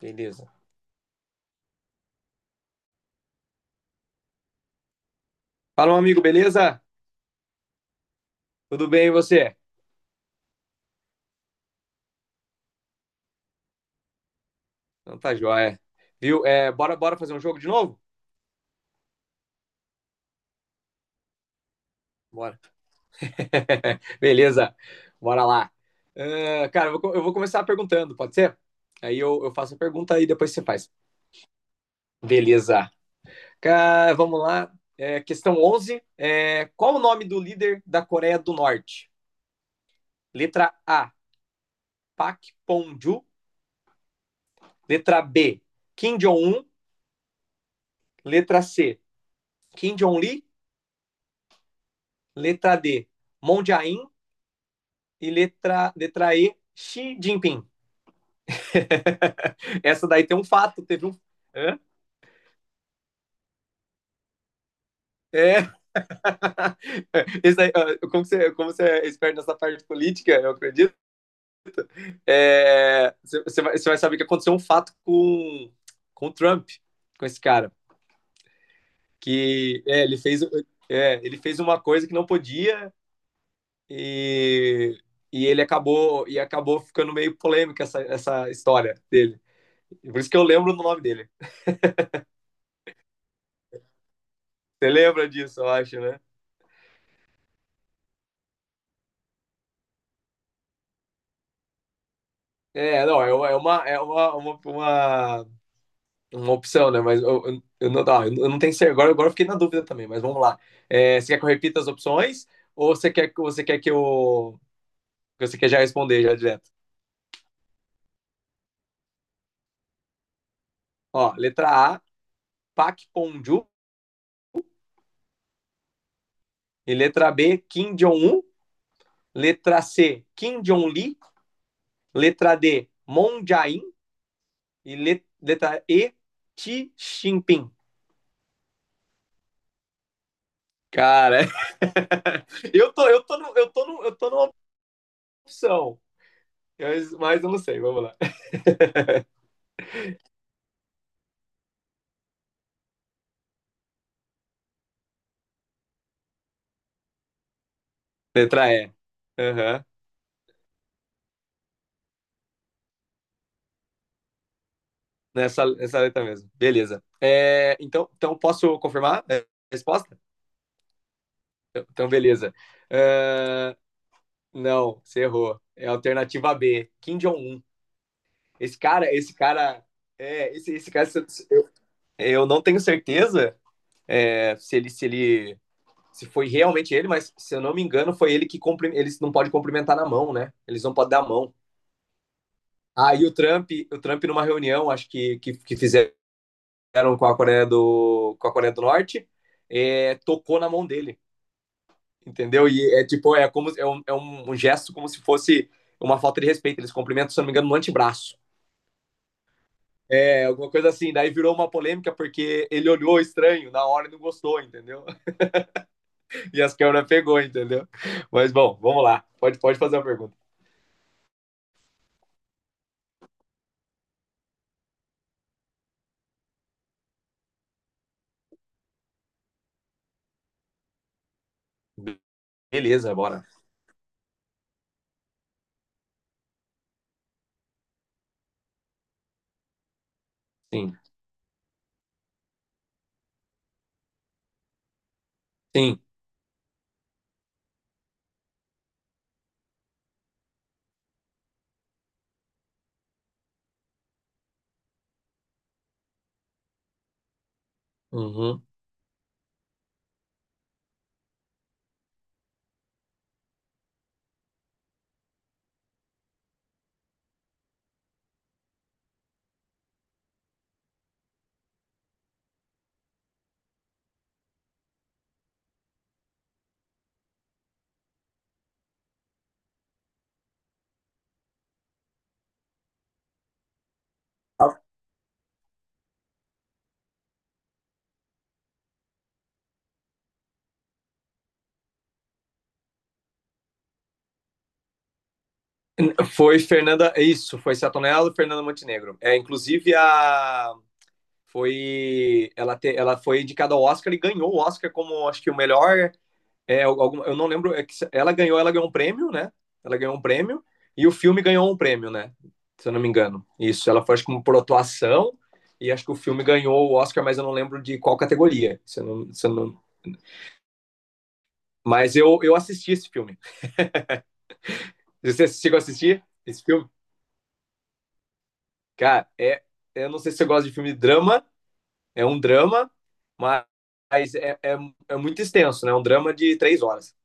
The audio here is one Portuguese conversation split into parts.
Beleza. Fala, um amigo, beleza? Tudo bem e você? Então tá joia. Viu? É, bora, bora fazer um jogo de novo? Bora. Beleza. Bora lá. Ah, cara, eu vou começar perguntando, pode ser? Aí eu faço a pergunta e depois você faz. Beleza. Cara, vamos lá. É, questão 11. É, qual o nome do líder da Coreia do Norte? Letra A, Pak Pon-ju. Letra B, Kim Jong-un. Letra C, Kim Jong-li. Letra D, Moon Jae-in. E letra E, Xi Jinping. Essa daí tem um fato, teve um. Hã? É, esse daí, como você é esperto nessa parte política, eu acredito, é, você vai saber que aconteceu um fato com o Trump, com esse cara, que é, ele fez uma coisa que não podia e, e acabou ficando meio polêmica essa história dele. Por isso que eu lembro do nome dele. Você lembra disso, eu acho, né? É, não, é uma opção, né? Mas eu não tenho certeza. Agora, eu fiquei na dúvida também, mas vamos lá. É, você quer que eu repita as opções ou você quer que eu. Que você quer já responder já direto? Ó, letra A, Pak Ponju. E letra B, Kim Jong-un. Letra C, Kim Jong-li. Letra D, Moon Jae-in. E letra E, Xi Jinping. Cara, eu tô, no, eu tô, no, eu tô numa opção. Mas eu não sei, vamos lá. Letra E. Aham. Nessa letra mesmo. Beleza. É, então, posso confirmar a resposta? Então, beleza. É, não, você errou. É a alternativa B, Kim Jong-un. Esse cara, esse cara. É, esse cara, eu não tenho certeza é, se ele se foi realmente ele, mas se eu não me engano, foi ele que cumpri- eles não podem cumprimentar na mão, né? Eles não podem dar a mão. Aí o Trump numa reunião, acho que fizeram com a Coreia do Norte, é, tocou na mão dele, entendeu? E é tipo, é como é um, é um gesto como se fosse uma falta de respeito. Eles cumprimentam, se não me engano, no antebraço. É, alguma coisa assim. Daí virou uma polêmica porque ele olhou estranho na hora e não gostou, entendeu? E as câmeras pegou, entendeu? Mas bom, vamos lá. Pode, pode fazer a pergunta. Beleza, bora. Sim, sim. Uhum. Foi Fernanda, isso, foi Satonello e Fernanda Montenegro. É, inclusive a foi ela, te, ela foi indicada ao Oscar e ganhou o Oscar como acho que o melhor é algum, eu não lembro é que ela ganhou um prêmio, né? Ela ganhou um prêmio e o filme ganhou um prêmio, né? Se eu não me engano, isso ela foi acho que por atuação, e acho que o filme ganhou o Oscar, mas eu não lembro de qual categoria, se eu não... Mas eu assisti esse filme. Você chegou a assistir esse filme. Cara, é, eu não sei se você gosta de filme de drama. É um drama, mas é, é, é muito extenso, né? É um drama de 3 horas.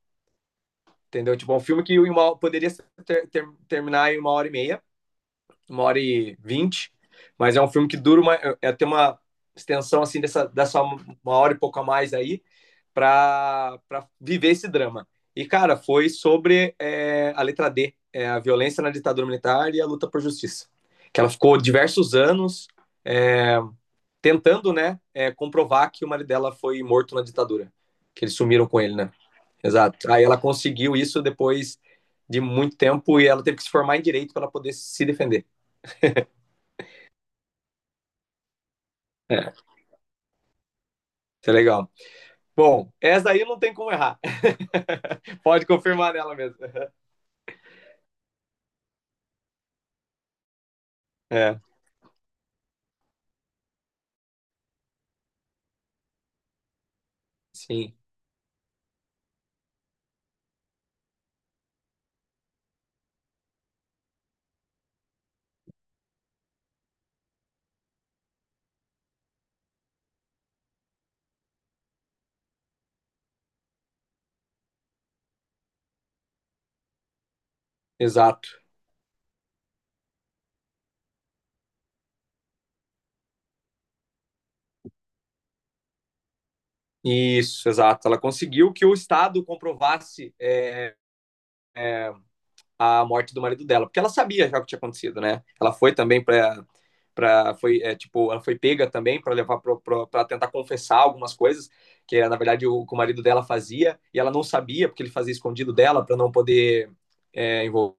Entendeu? Tipo, é um filme que uma, poderia terminar em uma hora e meia, uma hora e vinte, mas é um filme que dura uma. É, tem uma extensão assim dessa, uma hora e pouco a mais aí para viver esse drama. E, cara, foi sobre é, a letra D, é, a violência na ditadura militar e a luta por justiça. Que ela ficou diversos anos é, tentando, né, é, comprovar que o marido dela foi morto na ditadura. Que eles sumiram com ele, né? Exato. Aí ela conseguiu isso depois de muito tempo e ela teve que se formar em direito para poder se defender. É, isso é legal. Bom, essa aí não tem como errar. Pode confirmar nela mesmo. É, sim, exato. Isso, exato. Ela conseguiu que o Estado comprovasse é, a morte do marido dela, porque ela sabia já o que tinha acontecido, né? Ela foi também para para foi é, tipo ela foi pega também para levar para tentar confessar algumas coisas que na verdade o marido dela fazia e ela não sabia porque ele fazia escondido dela para não poder é, envolver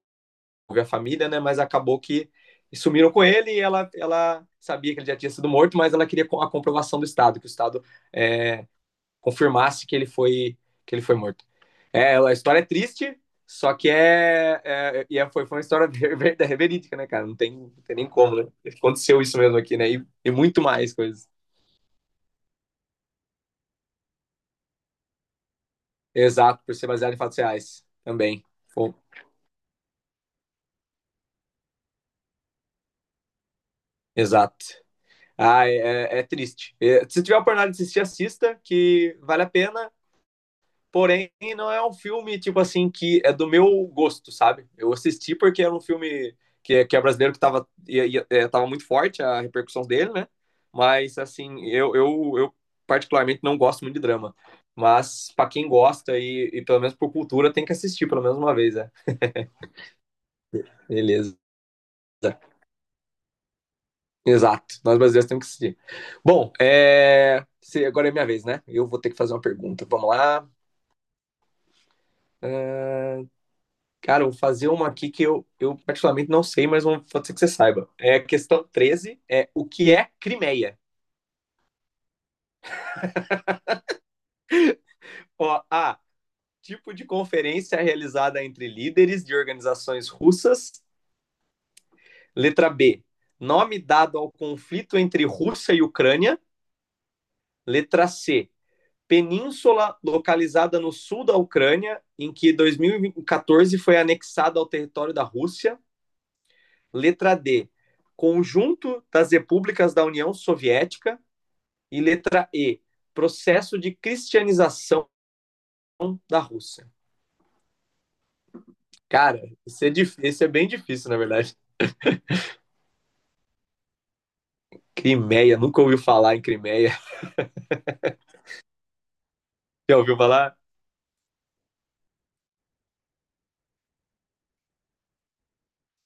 a família, né? Mas acabou que sumiram com ele, e ela ela sabia que ele já tinha sido morto, mas ela queria a comprovação do estado, que o estado é, confirmasse que ele foi morto. É, a história é triste, só que é, é, é foi, foi uma história verídica, né, cara? Não tem, não tem nem como, né? Aconteceu isso mesmo aqui, né? E muito mais coisas. Exato, por ser baseado em fatos reais também. Bom, exato. Ah, é, é é triste. É, se tiver a oportunidade de assistir, assista, que vale a pena. Porém, não é um filme, tipo assim, que é do meu gosto, sabe? Eu assisti porque era um filme que é brasileiro que tava, tava muito forte a repercussão dele, né? Mas, assim, eu particularmente não gosto muito de drama. Mas, pra quem gosta e pelo menos por cultura, tem que assistir pelo menos uma vez, né? Beleza. Exato. Nós brasileiros temos que assistir. Bom, é... se- agora é minha vez, né? Eu vou ter que fazer uma pergunta. Vamos lá. Cara, eu vou fazer uma aqui que eu particularmente não sei, mas vou- pode ser que você saiba. É a questão 13. É o que é Crimeia? Ó, A, tipo de conferência realizada entre líderes de organizações russas. Letra B, nome dado ao conflito entre Rússia e Ucrânia. Letra C, península localizada no sul da Ucrânia, em que 2014 foi anexada ao território da Rússia. Letra D, conjunto das repúblicas da União Soviética. E letra E, processo de cristianização da Rússia. Cara, isso é bem difícil, na verdade. Crimeia, nunca ouviu falar em Crimeia. Já ouviu falar?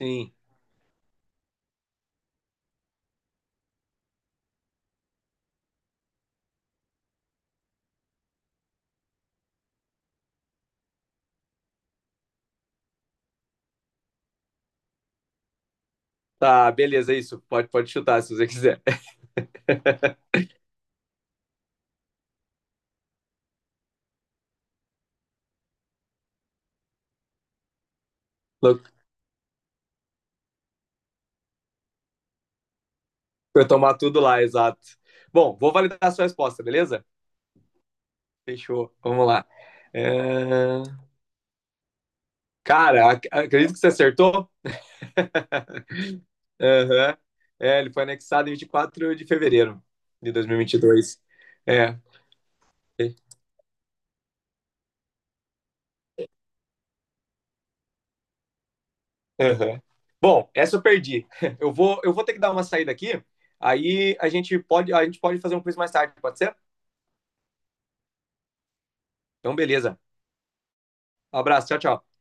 Sim. Tá, beleza, é isso. Pode, pode chutar se você quiser. Eu tomar tudo lá, exato. Bom, vou validar a sua resposta, beleza? Fechou. Vamos lá. É, cara, ac- acredito que você acertou. Aham. É, ele foi anexado em 24 de fevereiro de dois mil e vinte e dois. É, aham. Bom, essa eu perdi. Eu vou ter que dar uma saída aqui. Aí a gente pode fazer um quiz mais tarde, pode ser? Então, beleza. Um abraço, tchau, tchau.